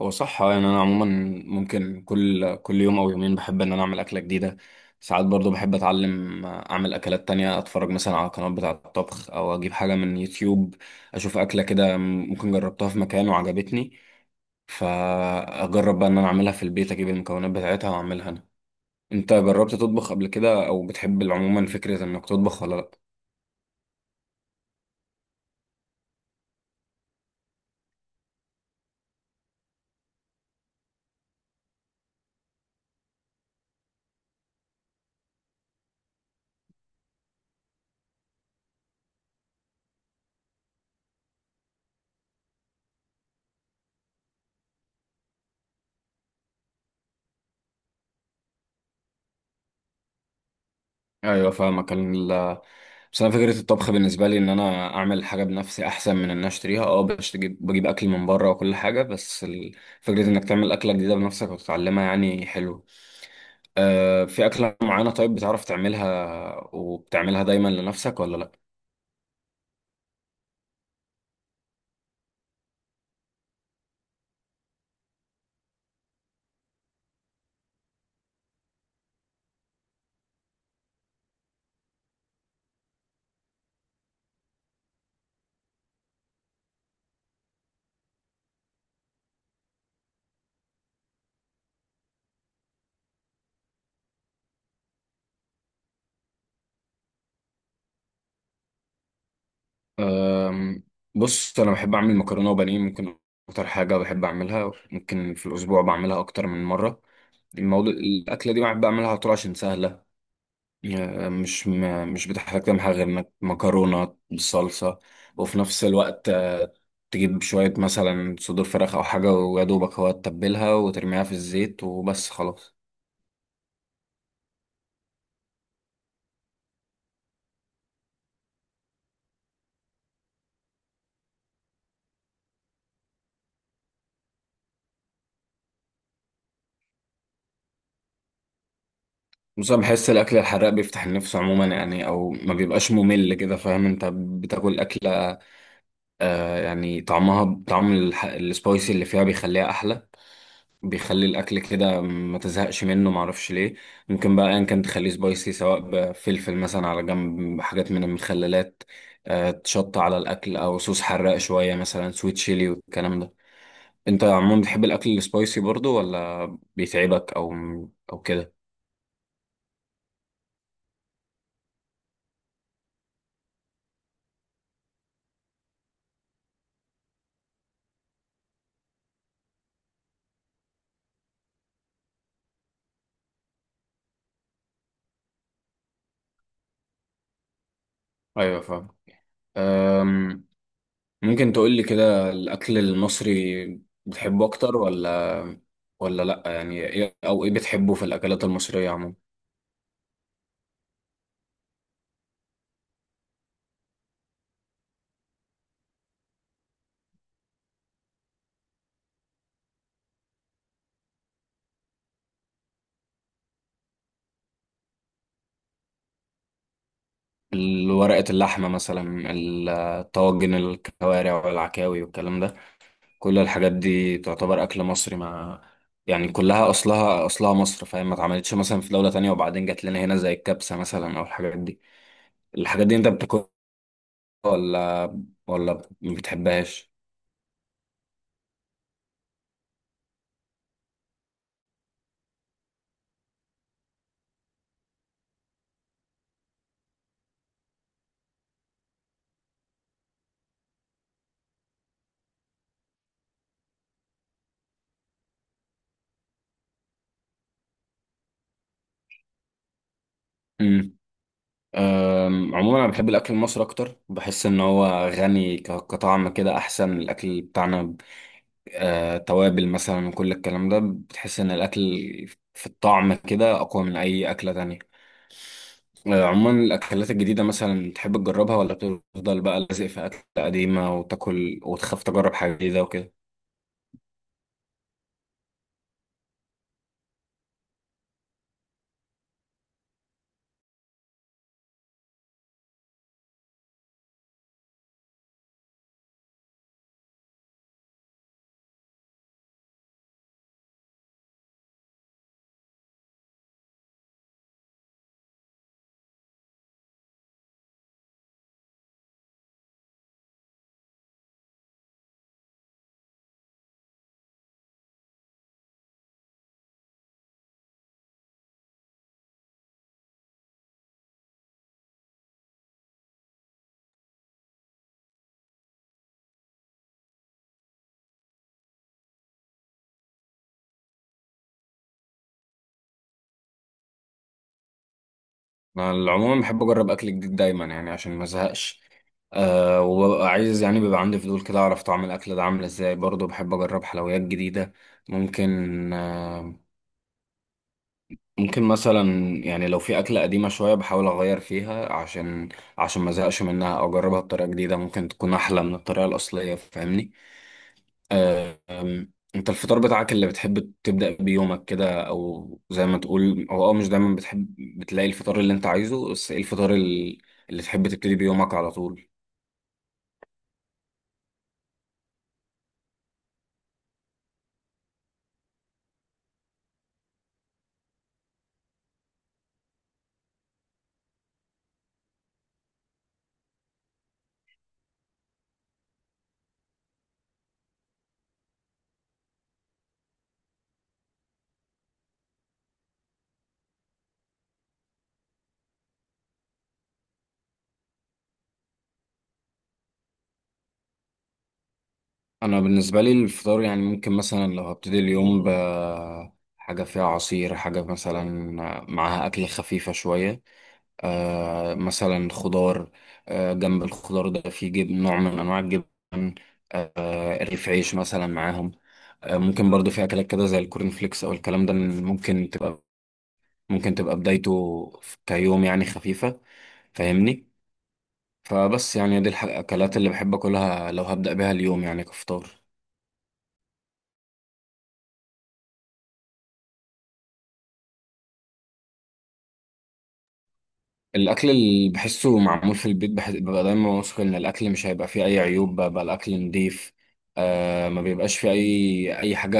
هو صح آه، يعني انا عموما ممكن كل يوم او يومين بحب ان انا اعمل اكله جديده. ساعات برضو بحب اتعلم، اعمل اكلات تانية، اتفرج مثلا على قنوات بتاعه الطبخ او اجيب حاجه من يوتيوب، اشوف اكله كده ممكن جربتها في مكان وعجبتني، فاجرب بقى ان انا اعملها في البيت، اجيب المكونات بتاعتها واعملها انا. انت جربت تطبخ قبل كده او بتحب عموما فكره انك تطبخ ولا لا؟ ايوه فاهمك. بس انا فكره الطبخ بالنسبه لي ان انا اعمل حاجه بنفسي احسن من ان أنا اشتريها، بجيب اكل من بره وكل حاجه، بس فكره انك تعمل اكله جديده بنفسك وتتعلمها يعني حلو. آه، في اكله معينه طيب بتعرف تعملها وبتعملها دايما لنفسك ولا لا؟ أم، بص انا بحب اعمل مكرونه وبانيه، ممكن اكتر حاجه بحب اعملها، ممكن في الاسبوع بعملها اكتر من مره. الموضوع الاكله دي بحب اعملها على طول عشان سهله، مش بتحتاج تمحى غير انك مكرونه بالصلصه، وفي نفس الوقت تجيب شويه مثلا صدور فراخ او حاجه ويا دوبك هو تتبلها وترميها في الزيت وبس خلاص. بس انا بحس الاكل الحراق بيفتح النفس عموما، يعني او ما بيبقاش ممل كده، فاهم؟ انت بتاكل اكله، آه يعني طعمها طعم السبايسي اللي فيها بيخليها احلى، بيخلي الاكل كده ما تزهقش منه، معرفش ليه. ممكن بقى ان كان تخليه سبايسي سواء بفلفل مثلا، على جنب حاجات من المخللات، تشط على الاكل او صوص حراق شويه مثلا سويت شيلي والكلام ده. انت عموما بتحب الاكل السبايسي برضو ولا بيتعبك او او كده؟ ايوه فاهم. أم، ممكن تقولي كده الاكل المصري بتحبه اكتر ولا ولا لا؟ يعني ايه او ايه بتحبه في الاكلات المصريه عموما؟ ورقة اللحمة مثلا، الطواجن، الكوارع والعكاوي والكلام ده، كل الحاجات دي تعتبر أكل مصري، ما يعني كلها أصلها أصلها مصر، فاهم؟ ما اتعملتش مثلا في دولة تانية وبعدين جات لنا هنا زي الكبسة مثلا أو الحاجات دي. الحاجات دي أنت بتاكلها ولا ولا ما بتحبهاش؟ امم، عموما انا بحب الاكل المصري اكتر، بحس ان هو غني كطعم كده، احسن الاكل بتاعنا، آه، توابل مثلا وكل الكلام ده، بتحس ان الاكل في الطعم كده اقوى من اي اكله تانية. آه، عموما الاكلات الجديده مثلا تحب تجربها ولا تفضل بقى لازق في اكل قديمه وتاكل وتخاف تجرب حاجه جديده وكده؟ انا العموم بحب اجرب اكل جديد دايما يعني عشان ما ازهقش، أه وببقى عايز، يعني بيبقى عندي فضول كده اعرف طعم الاكل ده عامل ازاي، برضه بحب اجرب حلويات جديده. ممكن آه، ممكن مثلا، يعني لو في أكلة قديمة شوية بحاول أغير فيها عشان عشان ما أزهقش منها، أو أجربها بطريقة جديدة ممكن تكون أحلى من الطريقة الأصلية، فاهمني؟ أه، أم، أنت الفطار بتاعك اللي بتحب تبدأ بيومك كده، أو زي ما تقول هو أه مش دايما بتحب بتلاقي الفطار اللي أنت عايزه، بس إيه الفطار اللي تحب تبتدي بيومك على طول؟ أنا بالنسبة لي الفطار يعني، ممكن مثلا لو هبتدي اليوم ب حاجة فيها عصير، حاجة مثلا معاها أكل خفيفة شوية، آه مثلا خضار، آه جنب الخضار ده في جبن، نوع من انواع الجبن، آه رغيف عيش مثلا معاهم، آه ممكن برضو في اكلات كده زي الكورن فليكس او الكلام ده، ممكن تبقى ممكن تبقى بدايته كيوم يعني خفيفة، فاهمني؟ فبس يعني دي الاكلات اللي بحب اكلها لو هبدأ بيها اليوم يعني كفطار. الاكل اللي بحسه معمول في البيت بحس ببقى دايما واثق ان الاكل مش هيبقى فيه اي عيوب، بقى الاكل نضيف، آه ما بيبقاش فيه اي حاجه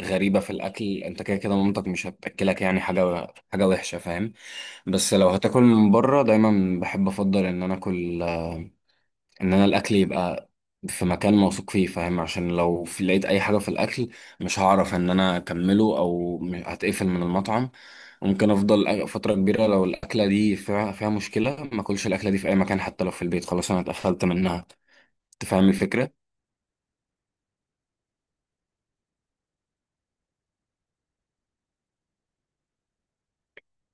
غريبه في الاكل، انت كده كده مامتك مش هتاكلك يعني حاجه حاجه وحشه، فاهم؟ بس لو هتاكل من بره دايما بحب افضل ان انا اكل، ان انا الاكل يبقى في مكان موثوق فيه، فاهم؟ عشان لو في لقيت اي حاجه في الاكل مش هعرف ان انا اكمله او هتقفل من المطعم. ممكن افضل فتره كبيره لو الاكله دي فيها مشكله ما اكلش الاكله دي في اي مكان، حتى لو في البيت، خلاص انا اتقفلت منها. تفهم الفكره؟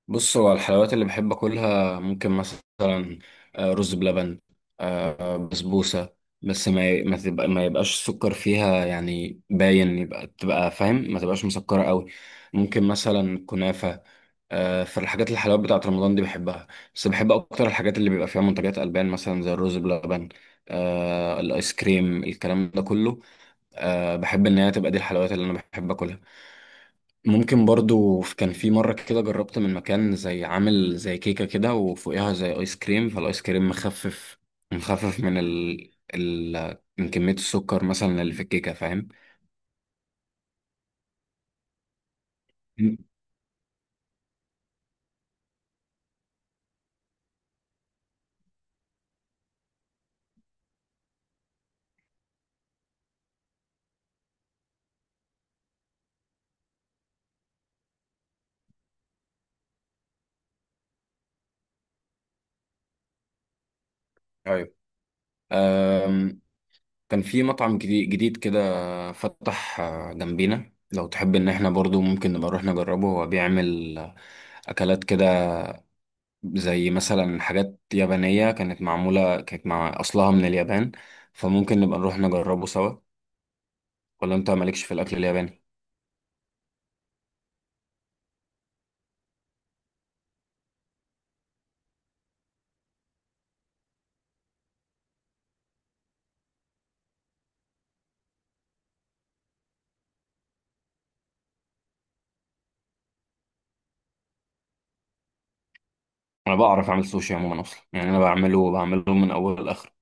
بص هو الحلويات اللي بحب اكلها، ممكن مثلا رز بلبن، بسبوسه، بس ما يبقاش السكر فيها يعني باين، تبقى فاهم ما تبقاش مسكره قوي. ممكن مثلا كنافه، فالحاجات الحلويات بتاعت رمضان دي بحبها، بس بحب اكتر الحاجات اللي بيبقى فيها منتجات البان مثلا زي الرز بلبن، الايس كريم الكلام ده كله، آه، بحب ان هي تبقى دي الحلويات اللي انا بحب اكلها. ممكن برضو كان في مرة كده جربت من مكان زي عامل زي كيكة كده وفوقها زي آيس كريم، فالآيس كريم مخفف مخفف من من كمية السكر مثلا اللي في الكيكة، فاهم؟ مم. أيوة. أم... كان في مطعم جديد كده فتح، جنبينا، لو تحب إن احنا برضو ممكن نبقى نروح نجربه، هو بيعمل أكلات كده زي مثلا حاجات يابانية، كانت معمولة كانت مع أصلها من اليابان، فممكن نبقى نروح نجربه سوا، ولا انت مالكش في الاكل الياباني؟ انا بعرف اعمل سوشي عموما اصلا، يعني انا بعمله بعمله من اول لاخر.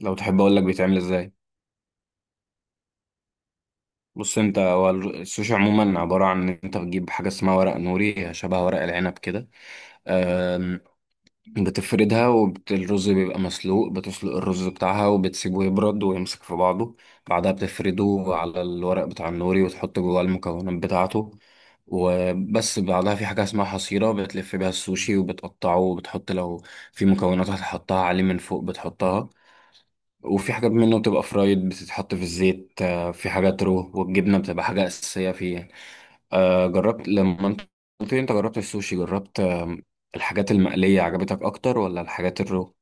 لو تحب اقول لك بيتعمل ازاي؟ بص انت، هو السوشي عموما عباره عن ان انت بتجيب حاجه اسمها ورق نوري، شبه ورق العنب كده، بتفردها، والرز بيبقى مسلوق، بتسلق الرز بتاعها وبتسيبه يبرد ويمسك في بعضه، بعدها بتفرده على الورق بتاع النوري وتحط جواه المكونات بتاعته وبس. بعدها في حاجة اسمها حصيرة بتلف بيها السوشي وبتقطعه، وبتحط لو في مكونات هتحطها عليه من فوق بتحطها، وفي حاجات منه بتبقى فرايد بتتحط في الزيت، آه، في حاجات رو، والجبنة بتبقى حاجة أساسية فيه. آه، جربت لما انت قلت لي انت جربت السوشي، جربت آه الحاجات المقلية عجبتك اكتر ولا الحاجات الرو؟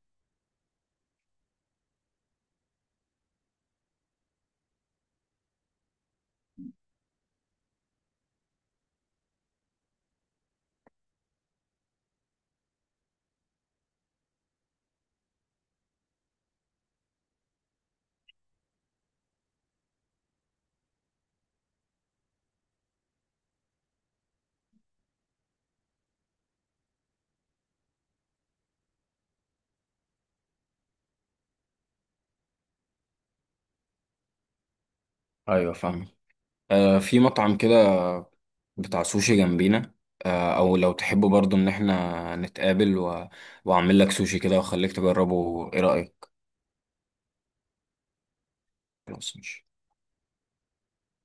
ايوه فاهم. آه في مطعم كده بتاع سوشي جنبينا، آه او لو تحبوا برضو ان احنا نتقابل و... واعمل لك سوشي كده واخليك تجربه، ايه رأيك؟ خلاص ماشي.